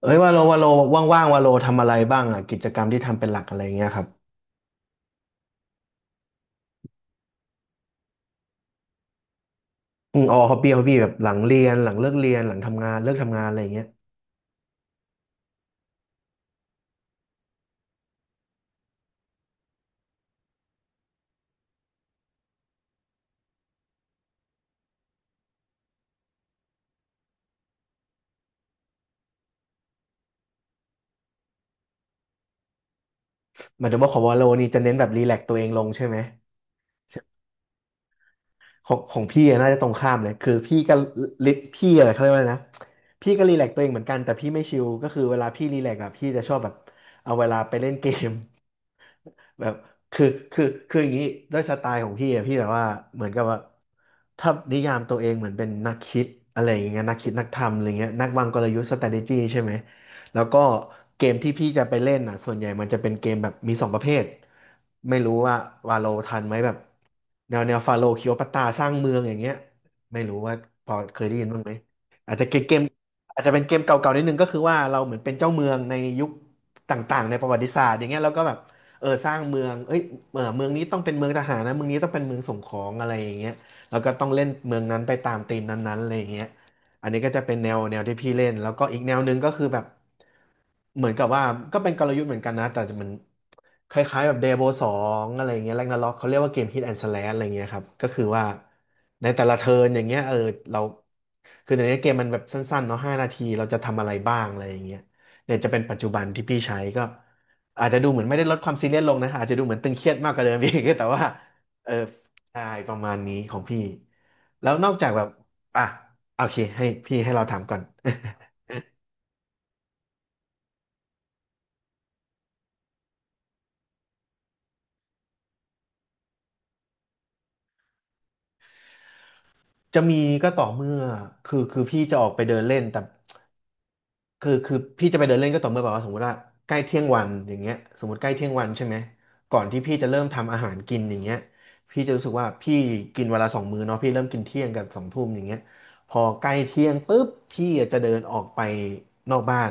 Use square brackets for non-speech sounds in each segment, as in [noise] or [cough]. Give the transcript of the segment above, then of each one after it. เอ้ยวาโลวาโลว่างๆวาโลทำอะไรบ้างอ่ะกิจกรรมที่ทำเป็นหลักอะไรเงี้ยครับอืมอ๋อฮอบบี้ฮอบบี้แบบหลังเรียนหลังเลิกเรียนหลังทำงานเลิกทำงานอะไรเงี้ยหมายถึงว่าของวาโลนี่จะเน้นแบบรีแลกซ์ตัวเองลงใช่ไหมใช่ของของพี่อะน่าจะตรงข้ามเลยคือพี่ก็ลิพี่อะไรเขาเรียกว่าอะไรนะพี่ก็รีแลกซ์ตัวเองเหมือนกันแต่พี่ไม่ชิลก็คือเวลาพี่รีแลกซ์อ่ะพี่จะชอบแบบเอาเวลาไปเล่นเกม แบบคือคือคืออย่างนี้ด้วยสไตล์ของพี่อะพี่แบบว่าเหมือนกับว่าถ้านิยามตัวเองเหมือนเป็นนักคิดอะไรอย่างเงี้ยนักคิดนักทำอะไรเงี้ยนักวางกลยุทธ์ strategy ใช่ไหมแล้วก็เกมที่พี่จะไปเล่นอ่ะส่วนใหญ่มันจะเป็นเกมแบบมีสองประเภทไม่รู้ว่าวาโลทันไหมแบบแนวแนวฟาโลคิโอปัตตาสร้างเมืองอย่างเงี้ยไม่รู้ว่าพอเคยได้ยินบ้างไหมอาจจะเกมเกมอาจจะเป็นเกมเก่าๆนิดนึงก็คือว่าเราเหมือนเป็นเจ้าเมืองในยุคต่างๆในประวัติศาสตร์อย่างเงี้ยเราก็แบบ เออสร้างเมืองเอ้ยเออเมืองนี้ต้องเป็นเมืองทหารนะเมืองนี้ต้องเป็นเมืองส่งของอะไรอย่างเงี้ยแล้วก็ต้องเล่นเมืองนั้นไปตามธีมนั้นๆอะไรอย่างเงี้ยอันนี้ก็จะเป็นแนวแนวที่พี่เล่นแล้วก็อีกแนวหนึ่งก็คือแบบเหมือนกับว่าก็เป็นกลยุทธ์เหมือนกันนะแต่จะมันคล้ายๆแบบเดโบสองอะไรเงี้ยแรกนาร็อกเขาเรียกว่าเกมฮิตแอนด์สแลชอะไรเงี้ยครับก็คือว่าในแต่ละเทิร์นอย่างเงี้ยเออเราคือในนี้เกมมันแบบสั้นๆเนาะห้านาทีเราจะทำอะไรบ้างอะไรอย่างเงี้ยเนี่ยจะเป็นปัจจุบันที่พี่ใช้ก็ อาจจะดูเหมือนไม่ได้ลดความซีเรียสลงนะอาจจะดูเหมือนตึงเครียดมากกว่าเดิมอีก [laughs] แต่ว่าเออใช่ประมาณนี้ของพี่แล้วนอกจากแบบอ่ะโอเคให้พี่ให้เราถามก่อน [laughs] จะมีก็ต่อเมื่อคือพี่จะออกไปเดินเล่นแต่คือพี่จะไปเดินเล่นก็ต่อเมื่อแบบว่าสมมติว่าใกล้เที่ยงวันอย่างเงี้ยสมมติใกล้เที่ยงวันใช่ไหมก่อนที่พี่จะเริ่มทำอาหารกินอย่างเงี้ยพี่จะรู้สึกว่าพี่กินเวนลาสองมื้อเนาะพี่เริ่มกินเที่ยงกับสองทุ่มอย่างเงี้ย พอใกล้เที่ยงปุ๊บพี่จะเดินออกไปนอกบ้าน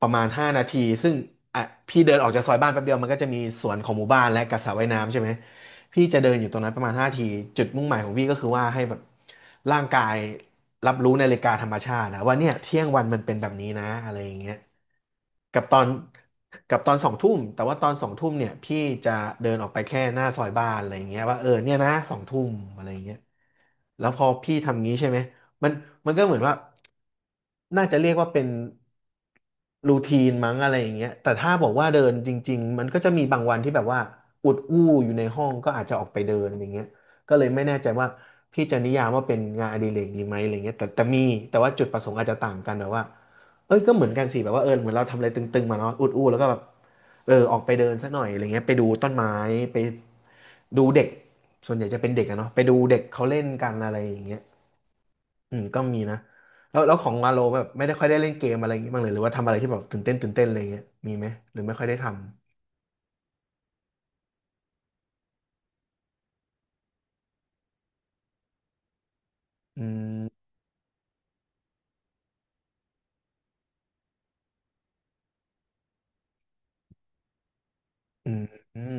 ประมาณ5นาทีซึ่งอ่ะพี่เดินออกจากซอยบ้านแป๊บเดียวมันก็จะมีสวนของหมู่บ้านและกับสระว่ายน้ำใช่ไหมพี่จะเดินอยู่ตรงนั้นประมาณห้านาทีจุดมุ่งหมายของพี่ก็คือว่าให้แบบร่างกายรับรู้นาฬิกาธรรมชาตินะว่าเนี่ยเที่ยงวันมันเป็นแบบนี้นะอะไรอย่างเงี้ยกับตอนกับตอนสองทุ่มแต่ว่าตอนสองทุ่มเนี่ยพี่จะเดินออกไปแค่หน้าซอยบ้านอะไรอย่างเงี้ยว่าเออเนี่ยนะสองทุ่มอะไรอย่างเงี้ยแล้วพอพี่ทำงี้ใช่ไหม มันมันก็เหมือนว่าน่าจะเรียกว่าเป็นรูทีนมั้งอะไรอย่างเงี้ยแต่ถ้าบอกว่าเดินจริงๆมันก็จะมีบางวันที่แบบว่าอุดอู้อยู่ในห้องก็อาจจะออกไปเดินอย่างเงี้ยก็เลยไม่แน่ใจว่าพี่จะนิยามว่าเป็นงานอดิเรกดีไหมอะไรเงี้ยแต่มีแต่ว่าจุดประสงค์อาจจะต่างกันแบบว่าเอ้ยก็เหมือนกันสิแบบว่าเออเหมือนเราทำอะไรตึงๆมาเนาะอุดอู้แล้วก็แบบเออออกไปเดินสักหน่อยอะไรเงี้ยไปดูต้นไม้ไปดูเด็กส่วนใหญ่จะเป็นเด็กอะเนาะไปดูเด็กเขาเล่นกันอะไรอย่างเงี้ย อืมก็มีนะแล้วของวาโลแบบไม่ได้ค่อยได้เล่นเกมอะไรอย่างงี้บ้างเลยหรือว่าทำอะไรที่แบบตื่นเต้นตื่นเต้นอะไรเงี้ยมีไหมหรือไม่ค่อยได้ทำอืมอืมอืม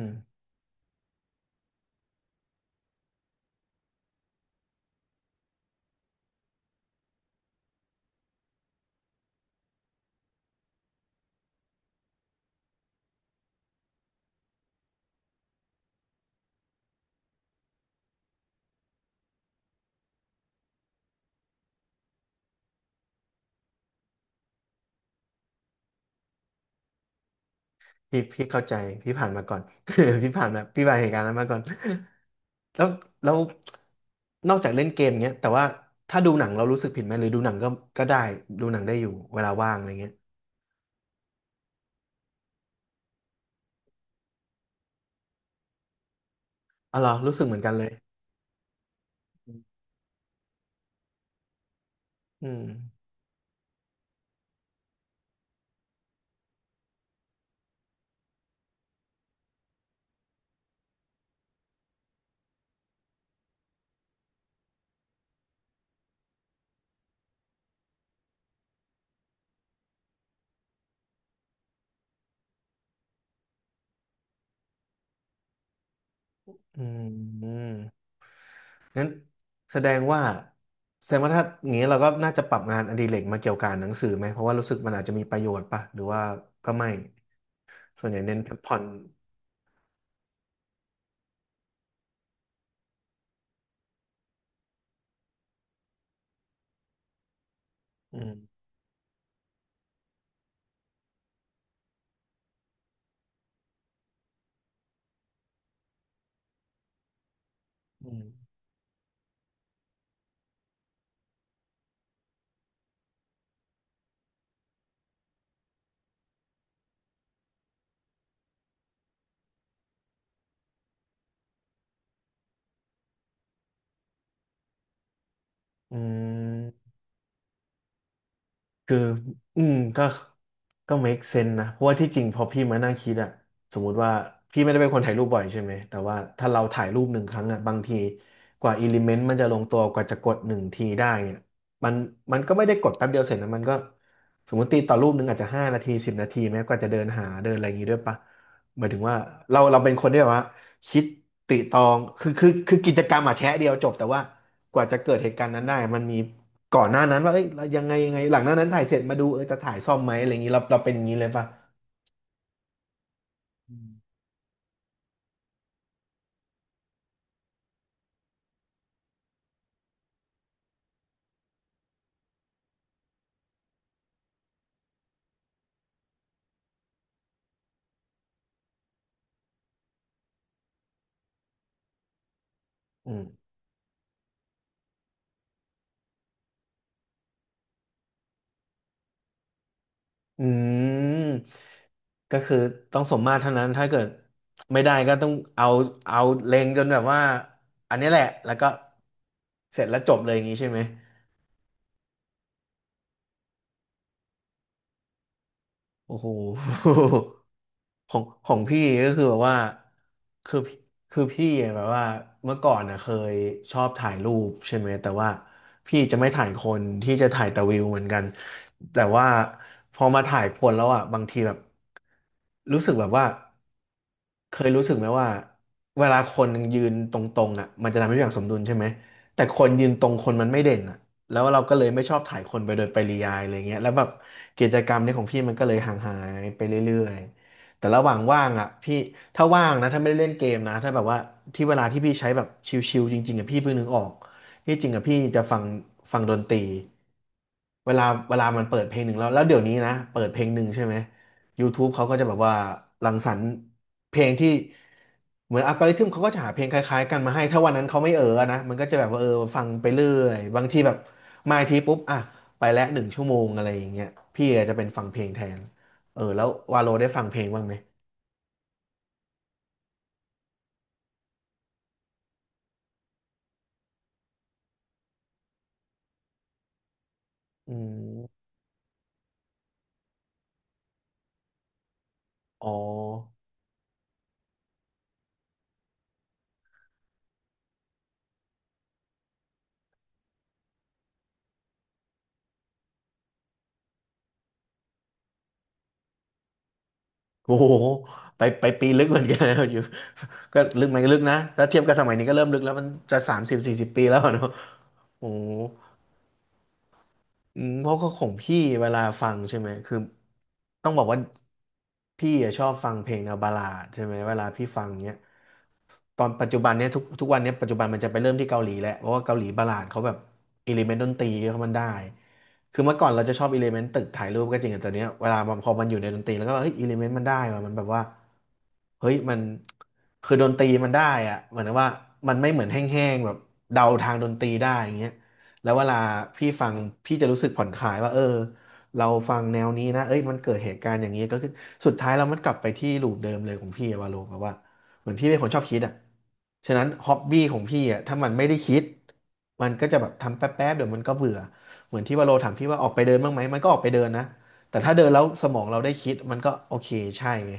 พี่เข้าใจพี่ผ่านมาก่อน [laughs] พี่ผ่านมาพี่ผ่านเหตุการณ์นั้นมาก่อนแล้วแล้วนอกจากเล่นเกมเงี้ยแต่ว่าถ้าดูหนังเรารู้สึกผิดไหมหรือดูหนังก็ได้ดูหนังได้อยู่เวลาว่างอะไรเงี้ยอ๋อเหรอรู้สึกเหมือนกันเลยอืมอืม งั้นแสดงว่าแสดงว่าถ้าอย่างนี้เราก็น่าจะปรับงานอดิเรกมาเกี่ยวกับหนังสือไหมเพราะว่ารู้สึกมันอาจจะมีประโยชน์ป่ะหรือว่าก็ไม่ส่วนใหญ่เน้นพักผ่อนอืมอืมอืม คืออืมก็ก็ make sense นะเพราะว่าที่จริงพอพี่มานั่งคิดอะสมมุติว่าพี่ไม่ได้เป็นคนถ่ายรูปบ่อยใช่ไหมแต่ว่าถ้าเราถ่ายรูปหนึ่งครั้งอะบางทีกว่าอิเลเมนต์มันจะลงตัวกว่าจะกดหนึ่งทีได้เนี่ยมันมันก็ไม่ได้กดแป๊บเดียวเสร็จนะมันก็สมมติตีต่อรูปหนึ่งอาจจะ5 นาที 10 นาทีแม้กว่าจะเดินหาเดินอะไรอย่างงี้ด้วยปะหมายถึงว่าเราเป็นคนที่แบบว่าคิดติตรองคือกิจกรรมอะแชะเดียวจบแต่ว่ากว่าจะเกิดเหตุการณ์นั้นได้มันมี ก่อนหน้านั้นว่าเอ้ยเรายังไงยังไงหลังหน้านั้นถ่ายเสร็จมาดูเออจะถ่ายซ่อมไหมอะไรอย่างนี้เราเป็นอย่างนี้เลยป่ะอืมอืมก็คือต้องสมมาตรเท่านั้นถ้าเกิดไม่ได้ก็ต้องเอาเล็งจนแบบว่าอันนี้แหละแล้วก็เสร็จแล้วจบเลยอย่างนี้ใช่ไหม โอ้โห [laughs] ของของพี่ก็คือแบบว่าคือคือพี่แบบว่า เมื่อก่อนนะเคยชอบถ่ายรูปใช่ไหมแต่ว่าพี่จะไม่ถ่ายคนที่จะถ่ายแต่วิวเหมือนกันแต่ว่าพอมาถ่ายคนแล้วอ่ะบางทีแบบรู้สึกแบบว่าเคยรู้สึกไหมว่าเวลาคนยืนตรงๆอ่ะมันจะทำให้ทุกอย่างสมดุลใช่ไหมแต่คนยืนตรงคนมันไม่เด่นอ่ะ แล้วเราก็เลยไม่ชอบถ่ายคนไปโดยปริยายอะไรเงี้ยแล้วแบบกิจกรรมนี้ของพี่มันก็เลยห่างหายไปเรื่อยๆแต่ระหว่างว่างอ่ะพี่ถ้าว่างนะถ้าไม่ได้เล่นเกมนะถ้าแบบว่าที่เวลาที่พี่ใช้แบบชิลๆจริงๆอ่ะพี่เพิ่งนึกออกที่จริงอ่ะพี่จะฟังดนตรีเวลามันเปิดเพลงหนึ่งแล้วเดี๋ยวนี้นะเปิดเพลงหนึ่งใช่ไหม YouTube เขาก็จะแบบว่ารังสรรค์เพลงที่เหมือนอัลกอริทึมเขาก็จะหาเพลงคล้ายๆกันมาให้ถ้าวันนั้นเขาไม่เออนะมันก็จะแบบว่าเออฟังไปเรื่อยบางทีแบบมาอีกทีปุ๊บอ่ะไปแล้ว1 ชั่วโมงอะไรอย่างเงี้ยพี่อาจจะเป็นฟังเพลงแทนเออแล้ววาโลได้ฟังเพลงบ้างไหมอืมอ๋อโอ้โหไปปีลึกเหมือนกันนะอยู่ [laughs] ก็ลึกไหมก็ลึกนะแล้วเทียบกับสมัยนี้ก็เริ่มลึกแล้วมันจะ30-40 ปีแล้วอะเนาะโอ้โห อืมเพราะก็ของพี่เวลาฟังใช่ไหมคือต้องบอกว่าพี่อะชอบฟังเพลงแนวบัลลาดใช่ไหมเวลาพี่ฟังเนี้ยตอนปัจจุบันเนี้ยทุกทุกวันเนี้ยปัจจุบันมันจะไปเริ่มที่เกาหลีแหละเพราะว่าเกาหลีบัลลาดเขาแบบอิเลเมนต์ดนตรีเขามันได้คือเมื่อก่อนเราจะชอบอิเลเมนต์ตึกถ่ายรูปก็จริงแต่ตอนเนี้ยเวลามันพอมันอยู่ในดนตรีแล้วก็แบบเฮ้ยอิเลเมนต์มันได้ว่ะมันแบบว่าเฮ้ยมันคือดนตรีมันได้อะเหมือนว่ามันไม่เหมือนแห้งๆแบบเดาทางดนตรีได้อย่างเงี้ย แล้วเวลาพี่ฟังพี่จะรู้สึกผ่อนคลายว่าเออเราฟังแนวนี้นะเอ้ยมันเกิดเหตุการณ์อย่างนี้ก็ขึ้นสุดท้ายแรามันกลับไปที่ลูปเดิมเลยของพี่อะว่าโลแบบว่าเหมือนพี่เป็นคนชอบคิดอ่ะฉะนั้นฮอบบี้ของพี่อ่ะถ้ามันไม่ได้คิดมันก็จะแบบทำแป๊บๆเดี๋ยวมันก็เบื่อเหมือนที่ว่าโลถามพี่ว่าออกไปเดินบ้างไหมมันก็ออกไปเดินนะแต่ถ้าเดินแล้วสมองเราได้คิดมันก็โอเคใช่ไง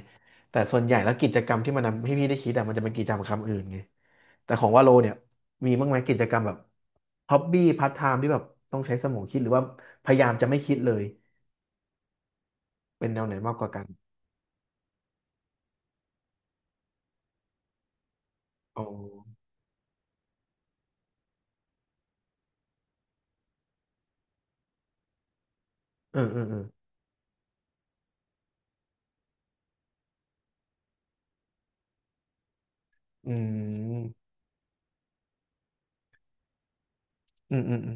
แต่ส่วนใหญ่แล้วกิจกรรมที่มันทำให้พี่ได้คิดอ่ะมันจะเป็นกิจกรรมคำอื่นไงแต่ของว่าโลเนี่ย มีบ้างไหมกิจกรรมแบบฮอบบี้พาร์ทไทม์ที่แบบต้องใช้สมองคิดหรือว่าพยายามจะไม่คิดเลยเป็นแนวไหนมากกว่ากันอ๋อเออเออเอออืมอืมอืมอืม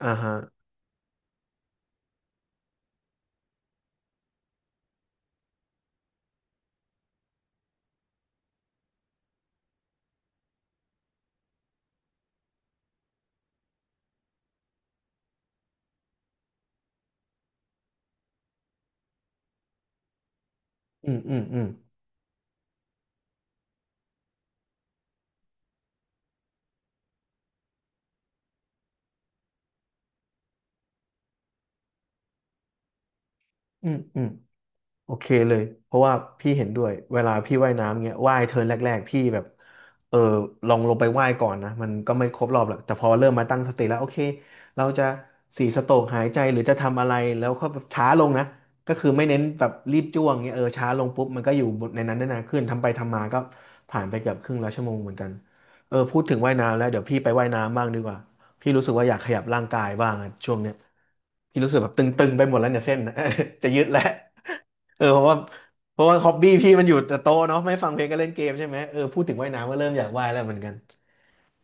อ่าฮะอืมอืมอืมอืมอืม โอเคเลย เพราะว่าพี่เห็นด้วย เวลาพี่ว่ายน้ำเงี้ยว่ายเทิร์นแรกๆ พี่แบบ เออลองลงไปว่ายก่อนนะ มันก็ไม่ครบรอบหรอกแต่พอเริ่มมาตั้งสติแล้วโอเค เราจะ4 สโตรกหายใจหรือจะทำอะไรแล้วก็แบบช้าลงนะ ก็คือไม่เน้นแบบรีบจ้วงเงี้ยเออช้าลงปุ๊บมันก็อยู่ในนั้นได้นานขึ้นทำไปทำมาก็ผ่านไปเกือบครึ่งแล้วชั่วโมงเหมือนกันเออพูดถึงว่ายน้ำแล้วเดี๋ยวพี่ไปว่ายน้ำบ้างดีกว่าพี่รู้สึกว่าอยากขยับร่างกายบ้างอะช่วงเนี้ยพี่รู้สึกแบบตึงๆไปหมดแล้วเนี่ยเส้นนะ [laughs] จะยืดแล้ว เออเพราะว่าฮอบบี้พี่มันอยู่แต่โต๊ะเนาะไม่ฟังเพลงก็เล่นเกมใช่ไหมเออพูดถึงว่ายน้ำก็เริ่มอยากว่ายแล้วเหมือนกัน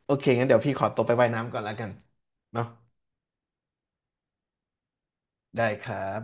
โอเคงั้นเดี๋ยวพี่ขอตัวไปว่ายน้ำก่อนแล้วกันเนาะได้ครับ